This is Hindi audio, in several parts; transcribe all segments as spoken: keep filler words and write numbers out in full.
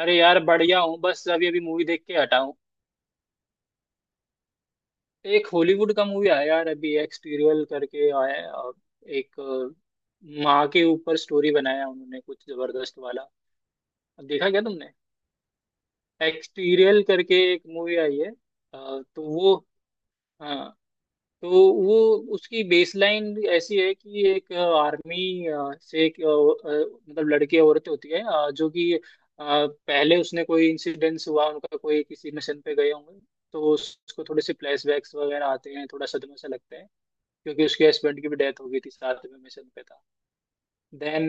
अरे यार बढ़िया हूँ। बस अभी अभी मूवी देख के हटा हूँ। एक हॉलीवुड का मूवी आया यार, अभी एक्सटीरियल करके आया है, और एक अ, माँ के ऊपर स्टोरी बनाया उन्होंने कुछ जबरदस्त वाला। अब देखा क्या तुमने? एक्सटीरियल करके एक मूवी आई है। अ, तो वो। हाँ, तो वो, उसकी बेसलाइन ऐसी है कि एक आर्मी से एक अ, अ, मतलब लड़की औरत होती है, अ, जो कि अ, पहले उसने कोई इंसिडेंस हुआ, उनका कोई किसी मिशन पे गए होंगे। तो उसको थोड़े से फ्लैशबैक्स वगैरह आते हैं, थोड़ा सदमे से लगता है, क्योंकि उसके हस्बैंड की भी डेथ हो गई थी, साथ में मिशन पे था। देन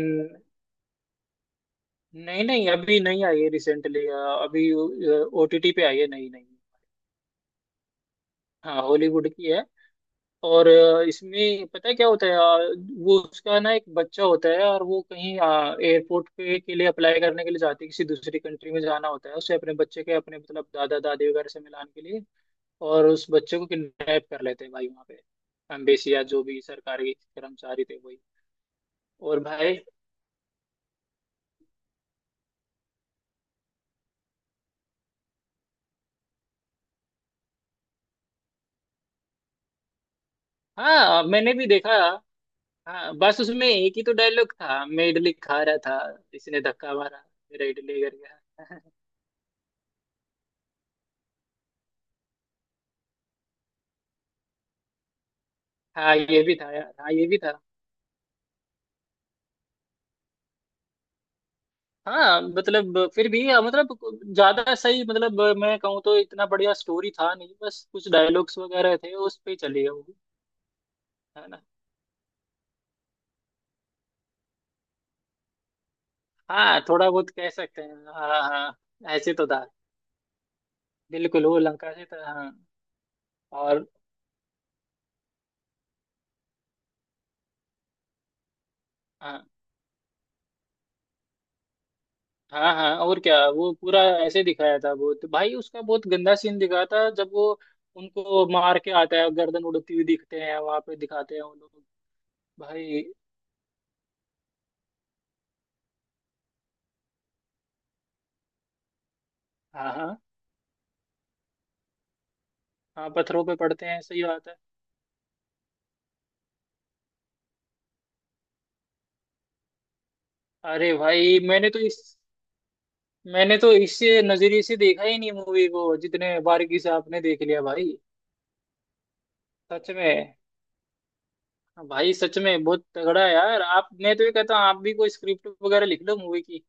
नहीं नहीं, अभी नहीं आई है, रिसेंटली अभी ओटीटी पे आई है। नहीं नहीं। हाँ, हॉलीवुड की है। और अ, इसमें पता है क्या होता है, अ, वो उसका ना एक बच्चा होता है, और वो कहीं एयरपोर्ट पे के लिए अप्लाई करने के लिए जाती है, किसी दूसरी कंट्री में जाना होता है उसे, अपने बच्चे के अपने मतलब दादा दादी वगैरह से मिलाने के लिए। और उस बच्चे को किडनैप कर लेते हैं भाई वहाँ पे, एम्बेसी या जो भी सरकारी कर्मचारी थे वही। और भाई, हाँ, मैंने भी देखा। हाँ बस उसमें एक ही तो डायलॉग था, मैं इडली खा रहा था, इसने धक्का मारा, मेरा इडली गिर गया। हाँ ये भी था यार, हाँ ये भी था। हाँ मतलब फिर भी अ, मतलब ज्यादा सही, मतलब मैं कहूँ तो इतना बढ़िया स्टोरी था नहीं, बस कुछ डायलॉग्स वगैरह थे उस पे ही चली है वो। है ना? हाँ थोड़ा बहुत कह सकते हैं, हाँ हाँ हाँ, ऐसे तो था। बिल्कुल वो लंका से था, हाँ। और हाँ हाँ हाँ, और क्या, वो पूरा ऐसे दिखाया था, वो तो भाई उसका बहुत गंदा सीन दिखाया था, जब वो उनको मार के आता है, गर्दन उड़ती हुई दिखते हैं वहां पे, दिखाते हैं वो लोग। भाई, हाँ हाँ। हाँ पत्थरों पे पड़ते हैं, सही बात है। अरे भाई मैंने तो इस, मैंने तो इससे नजरिए से देखा ही नहीं मूवी को, जितने बारीकी से आपने देख लिया भाई। सच में भाई, सच में बहुत तगड़ा है यार आप। मैं तो ये कहता हूँ आप भी कोई स्क्रिप्ट वगैरह लिख लो मूवी की।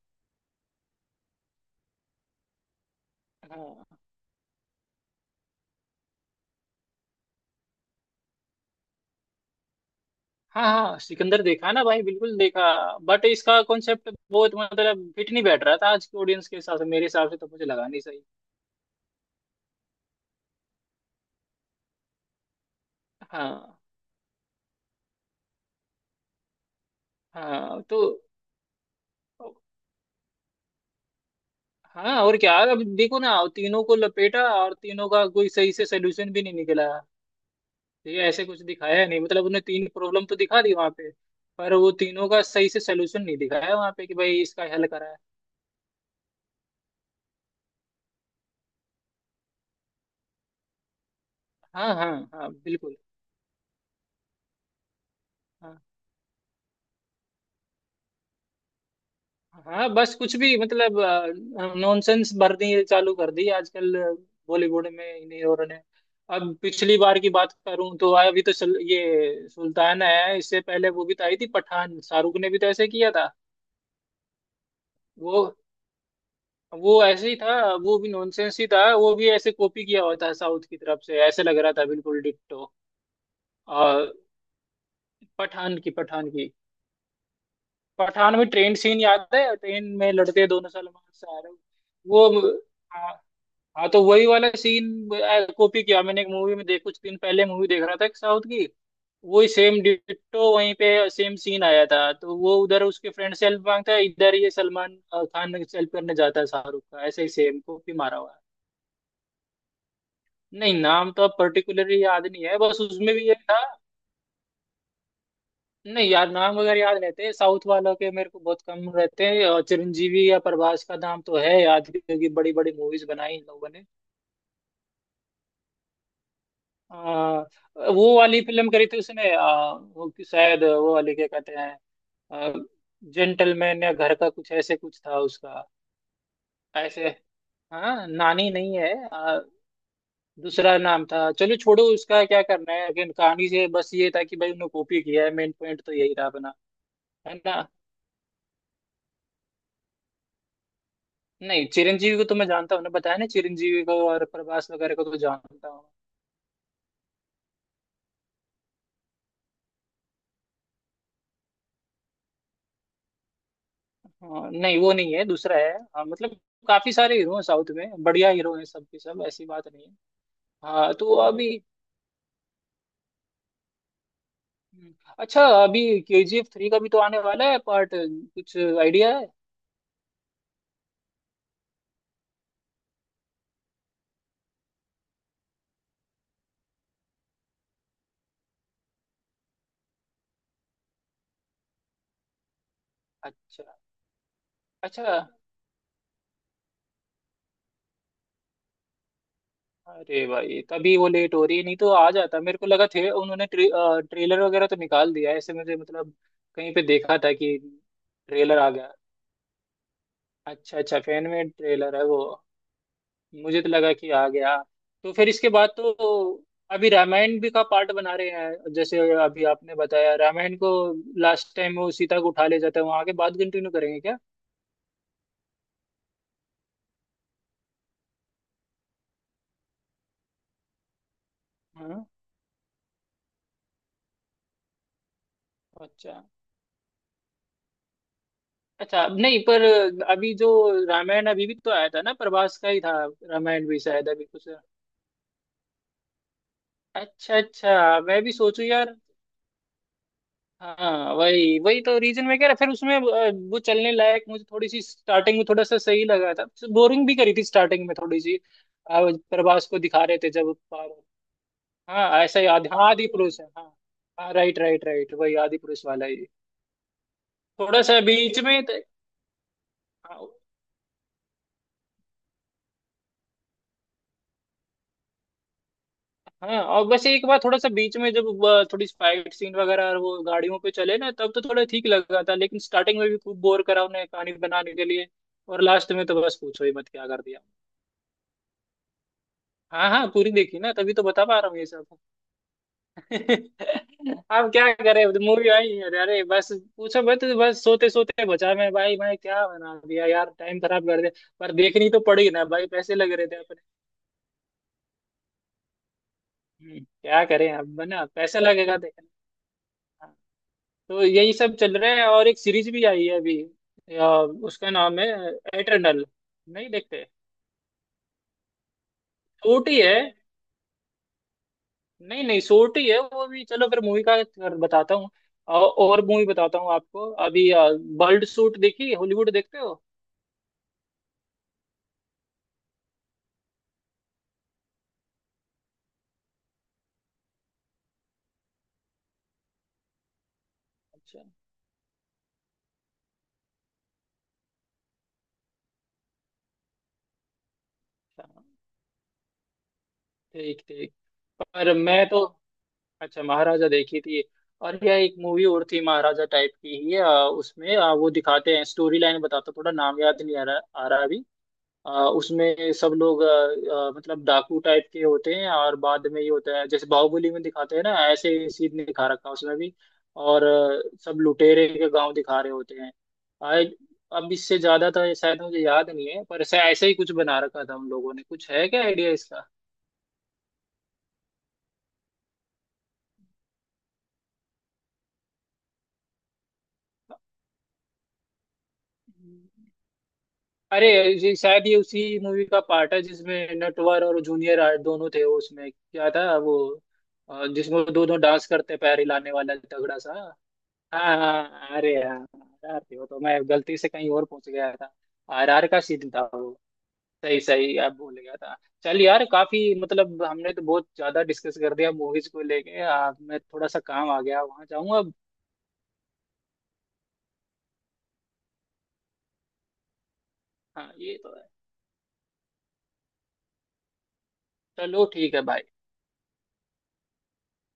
हाँ हाँ, हाँ सिकंदर देखा ना भाई, बिल्कुल देखा। बट इसका कॉन्सेप्ट बहुत मतलब फिट नहीं बैठ रहा था आज के ऑडियंस के हिसाब से, मेरे हिसाब से तो मुझे लगा नहीं सही। हाँ हाँ, तो हाँ और क्या, अब देखो ना, तीनों को लपेटा और तीनों का कोई सही से सोल्यूशन भी नहीं निकला। ये ऐसे कुछ दिखाया नहीं, मतलब उन्हें तीन प्रॉब्लम तो दिखा दी वहां पे, पर वो तीनों का सही से सलूशन नहीं दिखाया वहां पे, कि भाई इसका हल करा है। हाँ हाँ हाँ बिल्कुल। हाँ हाँ बस कुछ भी मतलब नॉनसेंस भरनी ये चालू कर दी आजकल बॉलीवुड में इन हीरो ने। अब पिछली बार की बात करूं तो अभी तो सल, ये सुल्तान आया है, इससे पहले वो भी तो आई थी पठान, शाहरुख ने भी तो ऐसे किया था। वो वो ऐसे ही था, वो भी नॉनसेंस ही था, वो भी ऐसे कॉपी किया हुआ था साउथ की तरफ से ऐसे लग रहा था बिल्कुल डिट्टो। और पठान की, पठान की। पठान में ट्रेन सीन याद है? ट्रेन में लड़ते हैं दोनों सलमान से, वो। हाँ। हाँ तो वही वाला सीन कॉपी किया। मैंने एक मूवी में देख, कुछ दिन पहले मूवी देख रहा था एक साउथ की, वही सेम डिट्टो वहीं पे सेम सीन आया था। तो वो उधर उसके फ्रेंड से हेल्प मांगता है, इधर ये सलमान अ, खान से हेल्प करने जाता है शाहरुख का, ऐसे ही सेम कॉपी मारा हुआ है। नहीं नाम तो अब पर्टिकुलरली याद नहीं है, बस उसमें भी ये था। नहीं यार नाम वगैरह याद रहते हैं साउथ वालों के मेरे को बहुत कम रहते हैं, और चिरंजीवी या प्रभास का नाम तो है याद, क्योंकि बड़ी बड़ी मूवीज बनाई इन लोगों ने। आ, वो वाली फिल्म करी थी उसने, आ, वो कि- शायद वो वाली क्या कहते हैं, जेंटलमैन या घर का कुछ ऐसे कुछ था उसका। ऐसे, हाँ नानी नहीं है, आ, दूसरा नाम था। चलो छोड़ो, उसका क्या करना है। लेकिन कहानी से बस ये था कि भाई उन्होंने कॉपी किया है, मेन पॉइंट तो यही था अपना। है ना? नहीं चिरंजीवी को तो मैं जानता हूँ ना, बताया ना, चिरंजीवी को और प्रभास वगैरह को तो जानता हूँ। हाँ, नहीं वो नहीं है, दूसरा है। हाँ, मतलब काफी सारे हीरो हैं साउथ में, बढ़िया हीरो हैं सब के सब, ऐसी बात नहीं है। हाँ तो अभी, अच्छा अभी केजीएफ थ्री का भी तो आने वाला है पार्ट, कुछ आइडिया है? अच्छा अच्छा। अरे भाई तभी वो लेट हो रही है, नहीं तो आ जाता, मेरे को लगा थे उन्होंने ट्रे, अ, ट्रेलर वगैरह तो निकाल दिया है, ऐसे मुझे मतलब कहीं पे देखा था कि ट्रेलर आ गया। अच्छा अच्छा, फैन में ट्रेलर है वो, मुझे तो लगा कि आ गया। तो फिर इसके बाद तो अभी रामायण भी का पार्ट बना रहे हैं, जैसे अभी आपने बताया रामायण को, लास्ट टाइम वो सीता को उठा ले जाता है वहां के बाद कंटिन्यू करेंगे क्या? हाँ। अच्छा अच्छा नहीं पर अभी जो रामायण अभी भी तो आया था ना, प्रभास का ही था, रामायण भी शायद अभी कुछ। अच्छा अच्छा, मैं भी सोचू यार। हाँ वही, वही तो रीजन मैं कह रहा, फिर उसमें अ, वो चलने लायक मुझे थोड़ी सी स्टार्टिंग में थोड़ा सा सही लगा था। बोरिंग भी करी थी स्टार्टिंग में थोड़ी सी, अ, प्रभास को दिखा रहे थे जब पार, हाँ ऐसा ही आदि, हाँ, आदि पुरुष है हाँ। हाँ राइट राइट राइट, वही आदि पुरुष वाला ही। थोड़ा सा बीच में त- हाँ, और बस एक बार थोड़ा सा बीच में जब अ, थोड़ी फाइट सीन वगैरह और वो गाड़ियों पे चले ना, तब तो थोड़ा ठीक लगा था, लेकिन स्टार्टिंग में भी खूब बोर करा उन्हें कहानी बनाने के लिए। और लास्ट में तो बस पूछो ही मत क्या कर दिया। हाँ हाँ पूरी देखी ना, तभी तो बता पा रहा हूँ ये सब। अब क्या करे, मूवी आई, अरे अरे बस पूछो मत, बस सोते सोते बचा मैं भाई, मैं क्या बना दिया यार, टाइम खराब कर दिया। पर देखनी तो पड़ी ना भाई, पैसे लग रहे थे अपने। हम्म, क्या करें, अब बना पैसा लगेगा देखने। हाँ, तो यही सब चल रहा है। और एक सीरीज भी आई है अभी, अ, उसका नाम है एटर्नल। नहीं देखते? छोटी है, नहीं नहीं शॉर्ट ही है वो भी, चलो फिर मूवी का कर- बताता हूँ। औ- और मूवी बताता हूँ आपको अभी, बर्ड सूट देखी? हॉलीवुड देखते हो? अच्छा अच्छा, ठीक ठीक। पर मैं तो, अच्छा महाराजा देखी थी, और यह एक मूवी और थी महाराजा टाइप की ही है, अ, उसमें अ, वो दिखाते हैं स्टोरी लाइन बताता हूँ, थोड़ा नाम याद नहीं आ रहा आ रहा अभी। आ, उसमें सब लोग आ, आ, मतलब डाकू टाइप के होते हैं, और बाद में ये होता है, जैसे बाहुबली में दिखाते हैं ना ऐसे ही सीन नहीं दिखा रखा है उसमें भी, और आ, सब लुटेरे के गांव दिखा रहे होते हैं। आए, अब इससे ज्यादा था, शायद मुझे याद नहीं है, पर ऐसा ऐसा ही कुछ बना रखा था उन लोगों ने, कुछ है क्या आइडिया इसका? अरे ये शायद ये उसी मूवी का पार्ट है जिसमें नटवर और जूनियर आर्ट दोनों थे। वो उसमें क्या था वो, अ, जिसमें वो दोनों डांस करते, पैर हिलाने वाला तगड़ा सा। हाँ हाँ, अरे यार आर थी वो, तो मैं गलती से कहीं और पहुंच गया था, आर आर का सीन था वो। सही सही, अब भूल गया था। चल यार, काफी मतलब हमने तो बहुत ज्यादा डिस्कस कर दिया मूवीज को लेके। आ, मैं थोड़ा सा काम आ गया, वहां जाऊंगा अब। हाँ ये तो है। चलो ठीक है भाई।